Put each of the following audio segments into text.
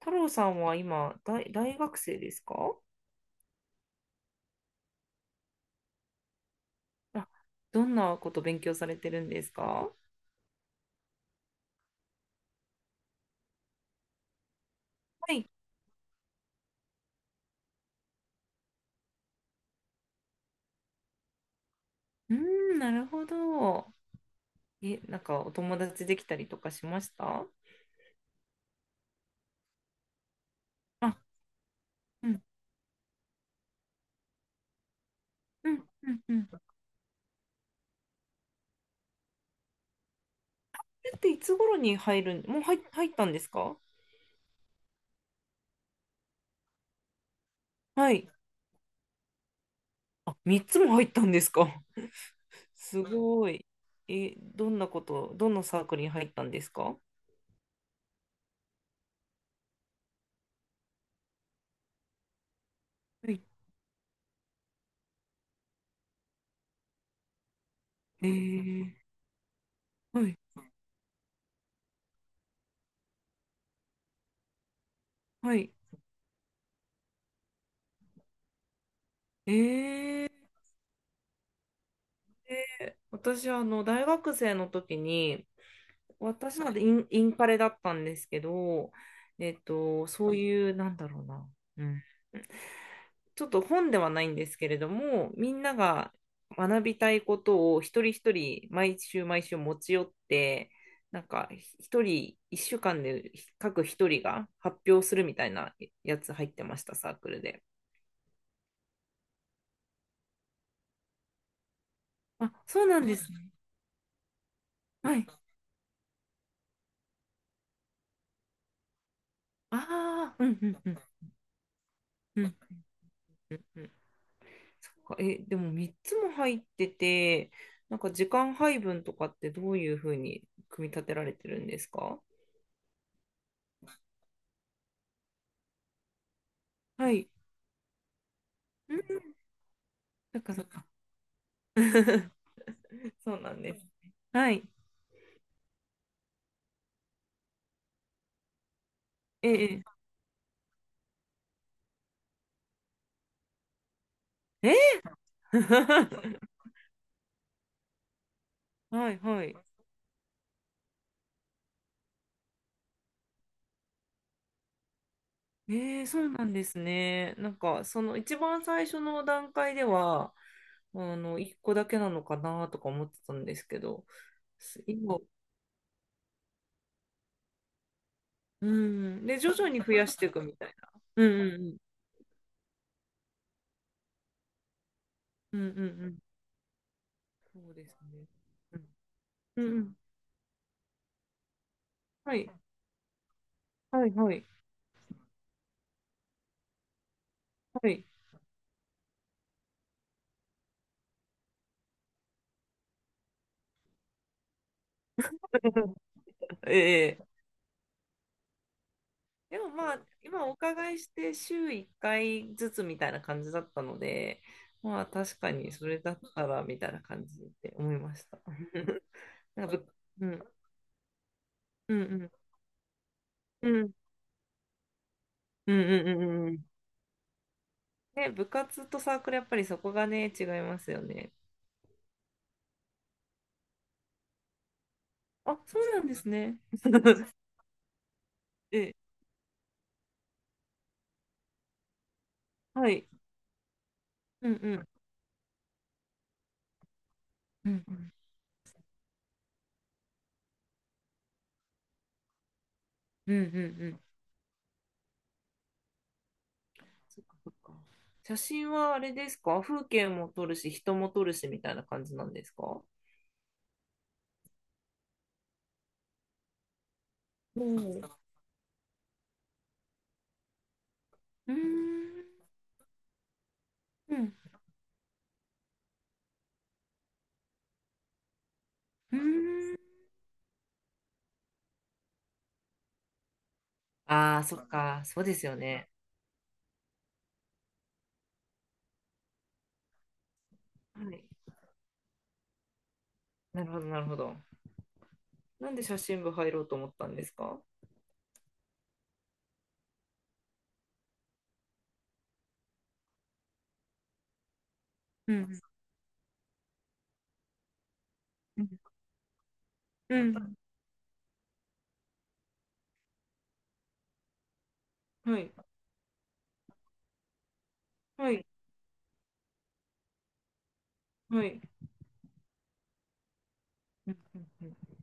太郎さんは今、大学生ですか？あ、どんなこと勉強されてるんですか？はい。うーん、なるほど。え、なんかお友達できたりとかしました？あ、うん、うん、うん、うん。それっていつ頃に入るん、もう入ったんですか？はい。あ、3つも入ったんですか？ すごい。え、どんなこと、どのサークルに入ったんですか？はい。えー、はい、はい。えー、私、大学生の時に、私なんてインカレだったんですけど、そういう、なんだろうな、うん、ちょっと本ではないんですけれども、みんなが学びたいことを一人一人、毎週毎週持ち寄って、なんか、一人、一週間で各一人が発表するみたいなやつ入ってました、サークルで。あ、そうなんですね。はい。ああ、うんうんうん。うん、そっかえ、でも3つも入ってて、なんか時間配分とかってどういうふうに組み立てられてるんですか？はい。うん、そっかそっか。そうなんです。はい。ええ。えー はいはい。そうなんですね。なんか、その一番最初の段階では、1個だけなのかなとか思ってたんですけど、今、うん。で、徐々に増やしていくみたいな。うんうんうん。うんうんそうですね。うんうんうんはい、はい、はい、はい。ええ、でもまあ、今お伺いして週1回ずつみたいな感じだったので、まあ確かにそれだったらみたいな感じで思いました。なんかうん、うん、うん、うん、うん、うん、うんうん。ね、部活とサークルやっぱりそこがね、違いますよね。あ、そうなんですね。ええ、はい。うん、うん、うん、うん、うん、うん、うん、そっかそっか。写真はあれですか？風景も撮るし、人も撮るしみたいな感じなんですか？うんうーん。うんうーん。ああ、そっか。そうですよね。はい。なるほど、なるほど。なんで写真部入ろうと思ったんですか？うんうんうんはい、はい、はい。うんうんうん。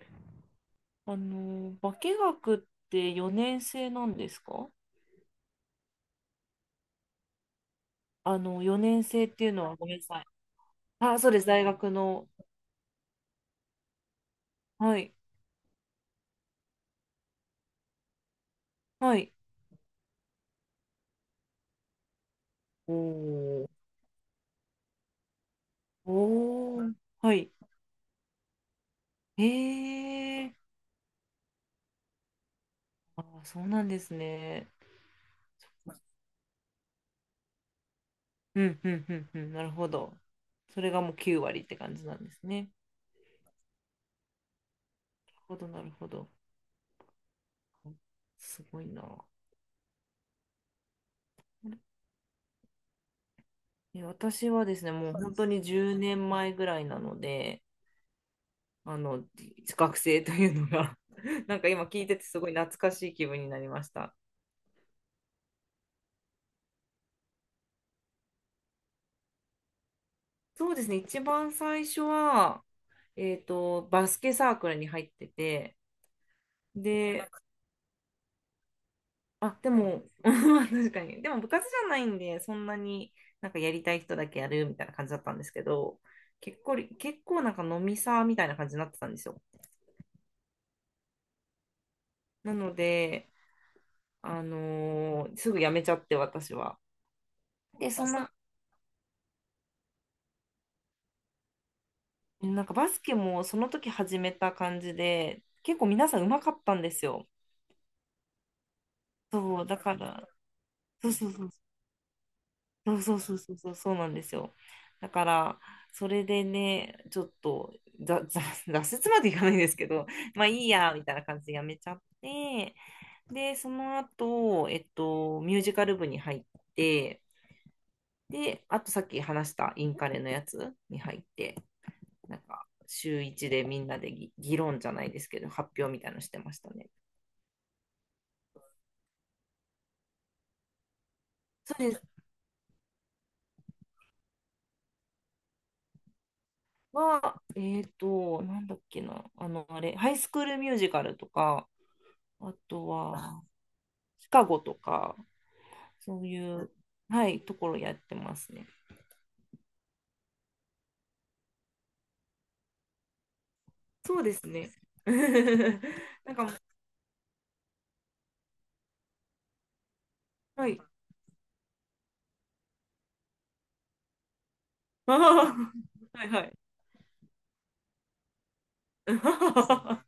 化学って4年生なんですか？4年生っていうのはごめんなさい。あ、そうです、大学の。はい、はい。おおー、はい。へえ、ああ、そうなんですね。うん、うん、うん、うん、なるほど。それがもう9割って感じなんですね。なるほど、なるほど。すごいな。え、私はですね、もう本当に10年前ぐらいなので、あの、学生というのが なんか今聞いててすごい懐かしい気分になりました。そうですね、一番最初は、バスケサークルに入ってて、で、あ、でも、確かに。でも部活じゃないんで、そんなになんかやりたい人だけやるみたいな感じだったんですけど、結構なんか飲みサーみたいな感じになってたんですよ。なので、すぐ辞めちゃって、私は。で、そんな、なんかバスケもその時始めた感じで、結構皆さん上手かったんですよ。そう、だから、そうそうそうそうそうそうそうそうそうなんですよ。だからそれでねちょっとざざ 挫折までいかないんですけど、 まあいいやみたいな感じでやめちゃって、でその後、ミュージカル部に入って、であとさっき話したインカレのやつに入って、なんか週一でみんなで議論じゃないですけど発表みたいなのしてましたね。それはなんだっけな、あれ、ハイスクールミュージカルとか、あとは、シカゴとか、そういう、はい、ところやってますね。そうですね。なんかもう、はい。あーはいはい。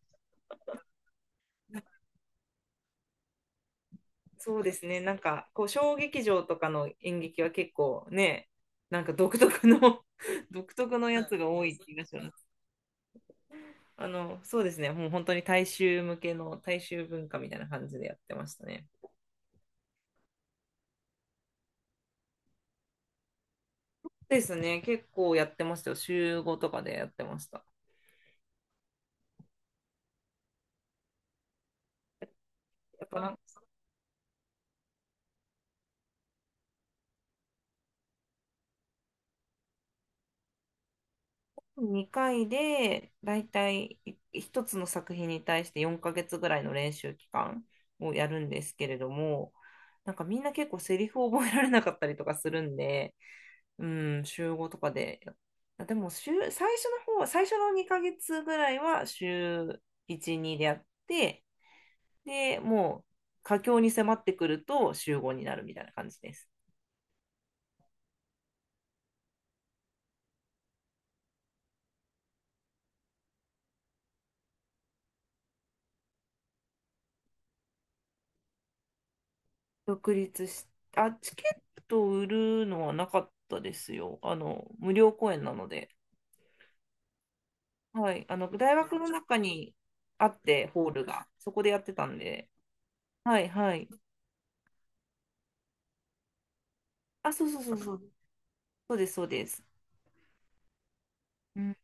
そうですね。なんか、こう、小劇場とかの演劇は結構ね、なんか独特の 独特のやつが多い気がします。そうですね。もう本当に大衆向けの大衆文化みたいな感じでやってましたね。ですね。結構やってましたよ。週合とかでやってました。やっぱなん2回で、だいたい1つの作品に対して4ヶ月ぐらいの練習期間をやるんですけれども、なんかみんな結構セリフを覚えられなかったりとかするんで、うん、週5とかで、あでも週、最初の方、最初の2ヶ月ぐらいは週1、2でやって、で、もう佳境に迫ってくると週5になるみたいな感じです。独立し、あ、チケットを売るのはなかったですよ。無料公演なので。はい。大学の中にあって、ホールが。そこでやってたんで。はい、はい。あ、そうそうそうそう。そうです、そうです。うん。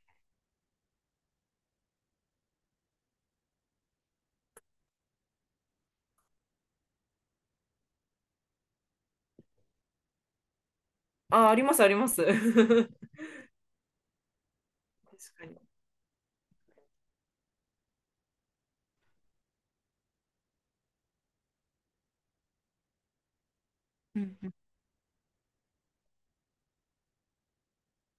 あ、あります、あります。確かに。うん